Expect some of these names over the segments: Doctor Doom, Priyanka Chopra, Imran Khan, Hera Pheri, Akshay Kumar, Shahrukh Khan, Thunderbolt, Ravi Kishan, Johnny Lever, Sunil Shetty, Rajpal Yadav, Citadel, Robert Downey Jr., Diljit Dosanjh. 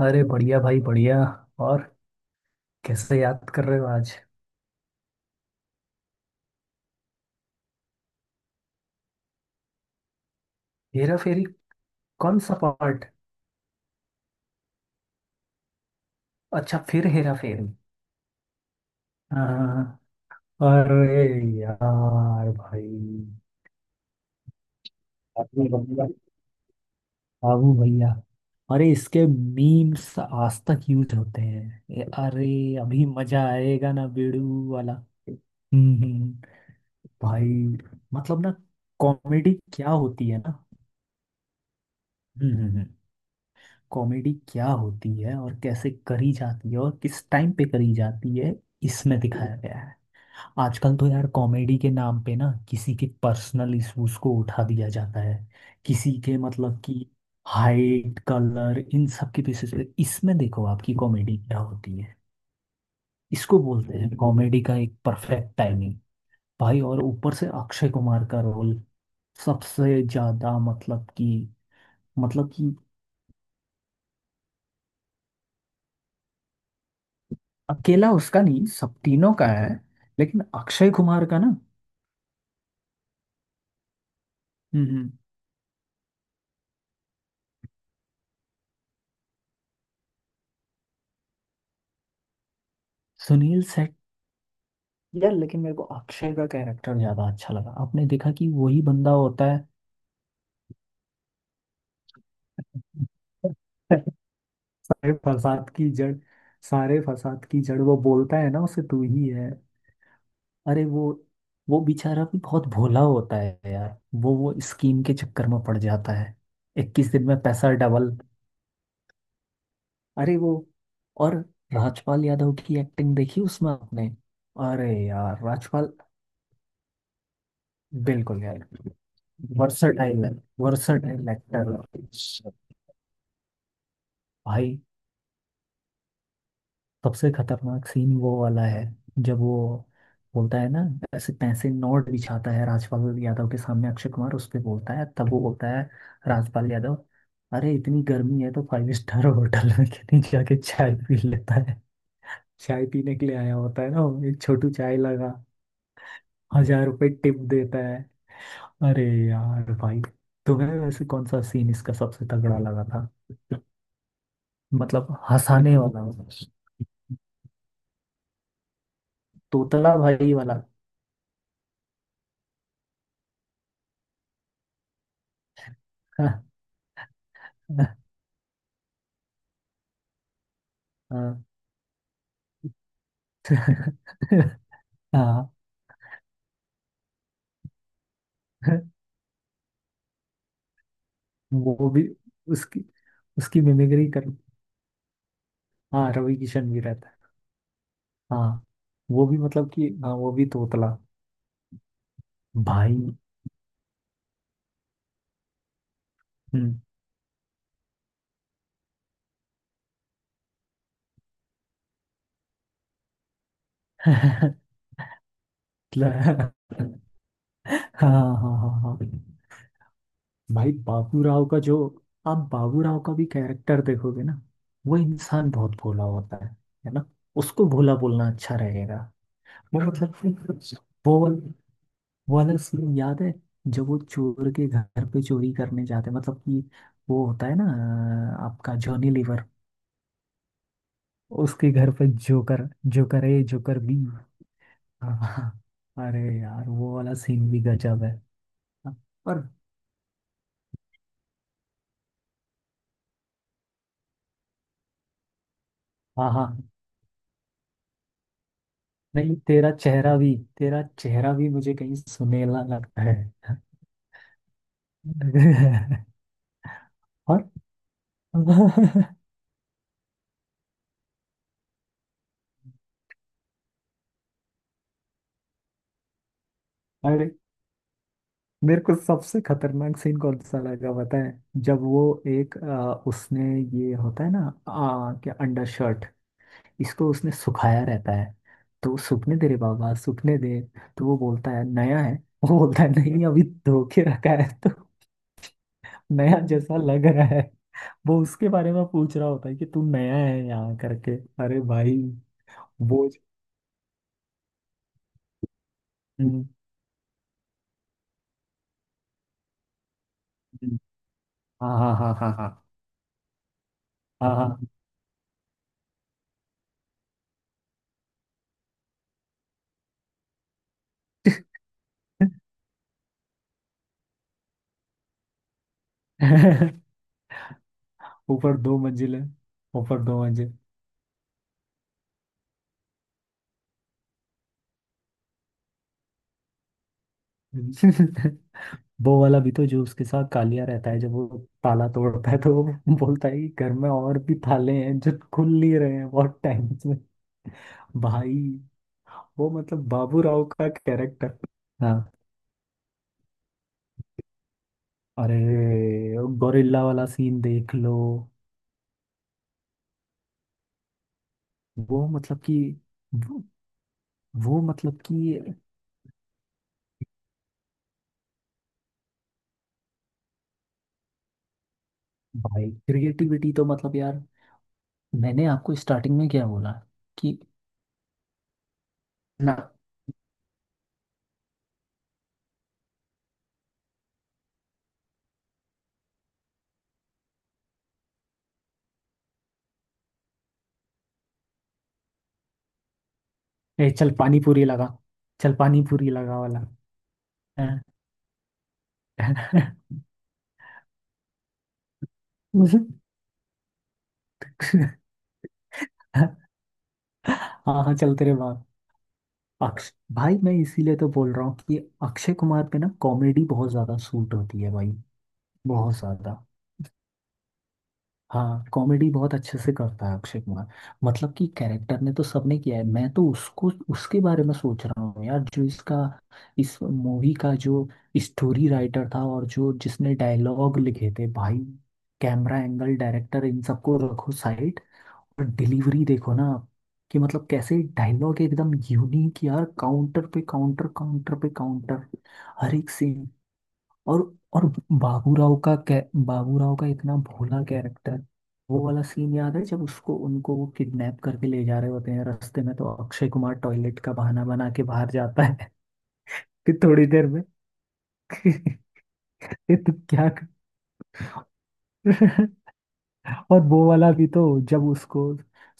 अरे बढ़िया भाई बढ़िया। और कैसे याद कर रहे हो आज? हेरा फेरी कौन सा पार्ट? अच्छा, फिर हेरा फेरी। हाँ। अरे यार भाई, अबू भैया, अबू भैया। अरे इसके मीम्स आज तक यूज होते हैं। ये अरे, अभी मजा आएगा ना बेड़ू वाला। हम्म। भाई मतलब ना, कॉमेडी क्या होती है ना। हम्म हम्म, हम्म। कॉमेडी क्या होती है और कैसे करी जाती है और किस टाइम पे करी जाती है, इसमें दिखाया गया है। आजकल तो यार कॉमेडी के नाम पे ना किसी के पर्सनल इश्यूज को उठा दिया जाता है। किसी के मतलब कि, हाइट कलर इन सब की बेसिस पे इसमें देखो आपकी कॉमेडी क्या होती है। इसको बोलते हैं कॉमेडी का एक परफेक्ट टाइमिंग। भाई और ऊपर से अक्षय कुमार का रोल सबसे ज्यादा, मतलब कि अकेला उसका नहीं, सब तीनों का है। लेकिन अक्षय कुमार का ना, हम्म हम्म। सुनील शेट्टी। यार लेकिन मेरे को अक्षय का कैरेक्टर ज्यादा अच्छा लगा, आपने देखा कि वही बंदा होता है। सारे फसाद की जड़, सारे फसाद की जड़ वो बोलता है ना, उसे तू ही है। अरे वो बेचारा भी बहुत भोला होता है यार। वो स्कीम के चक्कर में पड़ जाता है। 21 दिन में पैसा डबल। अरे वो, और राजपाल यादव की एक्टिंग देखी उसमें आपने? अरे यार, राजपाल। बिल्कुल यार, वर्सटाइल है, वर्सटाइल एक्टर है। भाई, सबसे खतरनाक सीन वो वाला है, जब वो बोलता है ना, ऐसे पैसे नोट बिछाता है राजपाल यादव के सामने अक्षय कुमार, उस पे बोलता है, तब वो बोलता है राजपाल यादव, अरे इतनी गर्मी है तो 5 स्टार होटल में क्यों नहीं जाके चाय पी लेता है। चाय पीने के लिए आया होता है ना वो, एक छोटू चाय लगा, 1000 रुपए टिप देता है। अरे यार भाई, तुम्हें वैसे कौन सा सीन इसका सबसे तगड़ा लगा था, मतलब हंसाने वाला? तोतला भाई वाला। हाँ। हाँ हाँ, वो भी उसकी उसकी मिमिक्री कर। हाँ, रवि किशन भी रहता है। हाँ वो भी मतलब कि, हाँ वो भी तोतला भाई। हम्म। हाँ हाँ हाँ हाँ। भाई बाबू राव का जो, आप बाबू राव का भी कैरेक्टर देखोगे ना, वो इंसान बहुत भोला होता है ना? उसको भोला बोलना अच्छा रहेगा। वो मतलब कि, वो वो वाला सीन याद है, जब वो चोर के घर पे चोरी करने जाते हैं, मतलब कि वो होता है ना, आपका जॉनी लीवर, उसके घर पे joker, joker A joker B. हाँ, हाँ, हाँ। अरे यार, वो वाला सीन भी गजब है। और हाँ, हाँ। नहीं तेरा चेहरा भी, तेरा चेहरा भी मुझे कहीं सुनेला लगता है। और अरे, मेरे को सबसे खतरनाक सीन कौन सा लगा पता है, जब वो एक उसने, ये होता है ना, क्या अंडर शर्ट, इसको उसने सुखाया रहता है, तो सूखने दे रे बाबा, सूखने दे। तो वो बोलता है नया है। वो बोलता है नहीं, अभी धो के रखा है तो नया जैसा लग रहा है। वो उसके बारे में पूछ रहा होता है कि तू नया है यहाँ करके। अरे भाई, बोझ। हम्म, हम्म, हाँ हाँ हाँ हाँ हाँ हाँ हाँ। ऊपर 2 मंजिल है, ऊपर 2 मंजिल। हम्म। वो वाला भी तो, जो उसके साथ कालिया रहता है, जब वो ताला तोड़ता है तो वो बोलता है कि घर में और भी ताले हैं जो खुल नहीं रहे हैं बहुत टाइम से। भाई, वो मतलब बाबू राव का कैरेक्टर। हाँ। अरे, गोरिल्ला वाला सीन देख लो। वो मतलब कि, वो, वो मतलब कि, भाई क्रिएटिविटी तो मतलब यार, मैंने आपको स्टार्टिंग में क्या बोला? कि ना, ए चल पानी पूरी लगा, चल पानी पूरी लगा वाला। हाँ हाँ, चल तेरे बाप, अक्ष भाई मैं इसीलिए तो बोल रहा हूँ कि अक्षय कुमार पे ना कॉमेडी बहुत ज्यादा सूट होती है भाई, बहुत ज्यादा। हाँ, कॉमेडी बहुत अच्छे से करता है अक्षय कुमार। मतलब कि कैरेक्टर ने तो सबने किया है, मैं तो उसको, उसके बारे में सोच रहा हूँ यार, जो इसका, इस मूवी का जो स्टोरी राइटर था और जो जिसने डायलॉग लिखे थे भाई, कैमरा एंगल डायरेक्टर इन सबको रखो साइड, और डिलीवरी देखो ना आप, कि मतलब कैसे डायलॉग एकदम यूनिक यार, काउंटर पे काउंटर, काउंटर पे काउंटर। हर एक सीन। और और बाबूराव का कै बाबूराव का इतना भोला कैरेक्टर। वो वाला सीन याद है जब उसको, उनको वो किडनैप करके ले जा रहे होते हैं, रास्ते में तो अक्षय कुमार टॉयलेट का बहाना बना के बाहर जाता है। कि थोड़ी देर में। ये तुम क्या कर। और वो वाला भी तो, जब उसको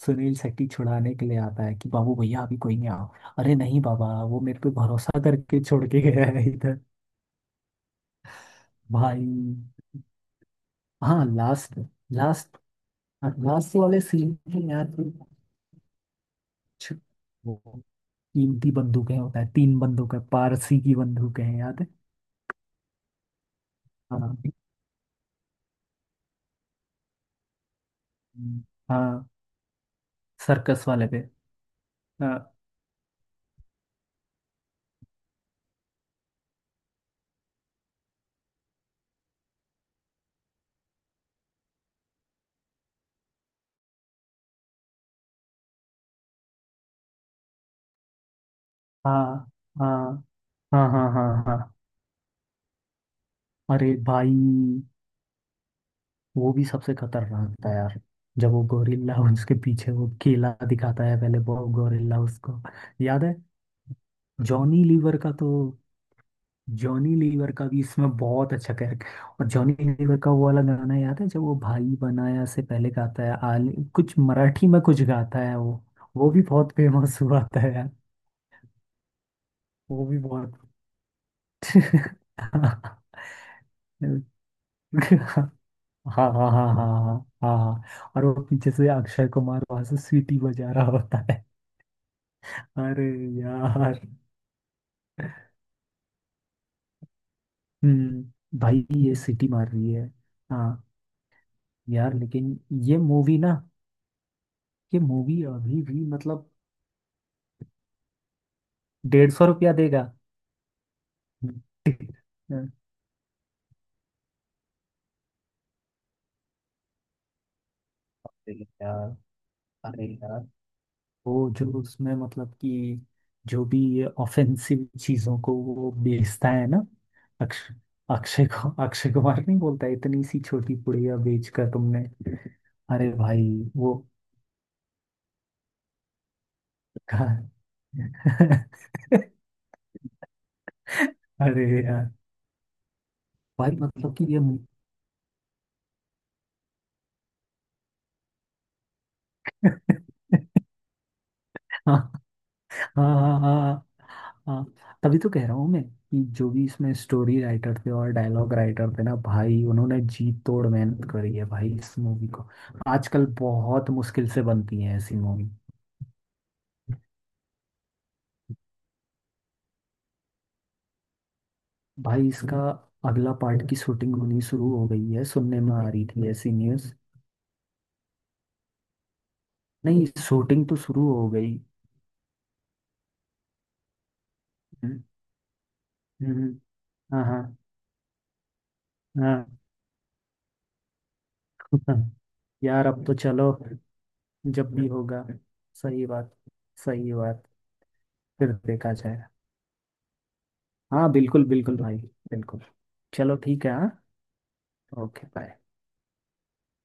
सुनील शेट्टी छुड़ाने के लिए आता है कि बाबू भैया अभी कोई नहीं, आओ, अरे नहीं बाबा, वो मेरे पे भरोसा करके छोड़ के गया है इधर। भाई। हाँ, लास्ट लास्ट लास्ट वाले सीन में यार, छ- वो कीमती बंदूकें होता है, 3 बंदूकें, पारसी की बंदूकें हैं, याद है? हाँ, हम्म। हाँ, सर्कस वाले पे। हाँ हाँ हाँ हाँ हाँ हाँ हाँ। अरे भाई, वो भी सबसे खतरनाक था यार, जब वो गोरिल्ला उसके पीछे वो केला दिखाता है, पहले वो गोरिल्ला उसको, याद है? जॉनी लीवर का तो, जॉनी लीवर का भी इसमें बहुत अच्छा कैरेक्टर। और जॉनी लीवर का वो वाला गाना याद है, जब वो भाई बनाया से पहले गाता है, आलि कुछ मराठी में कुछ गाता है वो भी बहुत फेमस हुआ था यार। वो भी बहुत हाँ हाँ हाँ हाँ हाँ हाँ। और वो पीछे से अक्षय कुमार वहां से सीटी बजा रहा होता है। अरे यार, हम्म, भाई ये सीटी मार रही है। हाँ। यार लेकिन ये मूवी ना, ये मूवी अभी भी मतलब, 150 रुपया देगा। हम्म, अरे यार, अरे यार, वो जो उसमें मतलब कि, जो भी ये ऑफेंसिव चीजों को वो बेचता है ना, अक्षय, अक्षय को अक्षय कुमार नहीं बोलता है, इतनी सी छोटी पुड़िया बेच कर तुमने। अरे भाई वो अरे यार भाई, मतलब कि ये हाँ हाँ हाँ हाँ हाँ। तभी तो कह रहा हूँ मैं, कि जो भी इसमें स्टोरी राइटर थे और डायलॉग राइटर थे ना भाई, उन्होंने जी तोड़ मेहनत करी है भाई इस मूवी को। आजकल बहुत मुश्किल से बनती है ऐसी मूवी। भाई, इसका अगला पार्ट की शूटिंग होनी शुरू हो गई है, सुनने में आ रही थी ऐसी न्यूज़। नहीं, शूटिंग तो शुरू हो गई। हम्म, हम्म, हाँ हाँ हाँ। यार अब तो चलो, जब भी होगा। सही बात, सही बात। फिर देखा जाए। हाँ बिल्कुल बिल्कुल भाई, बिल्कुल। चलो ठीक है, हाँ। Okay, bye.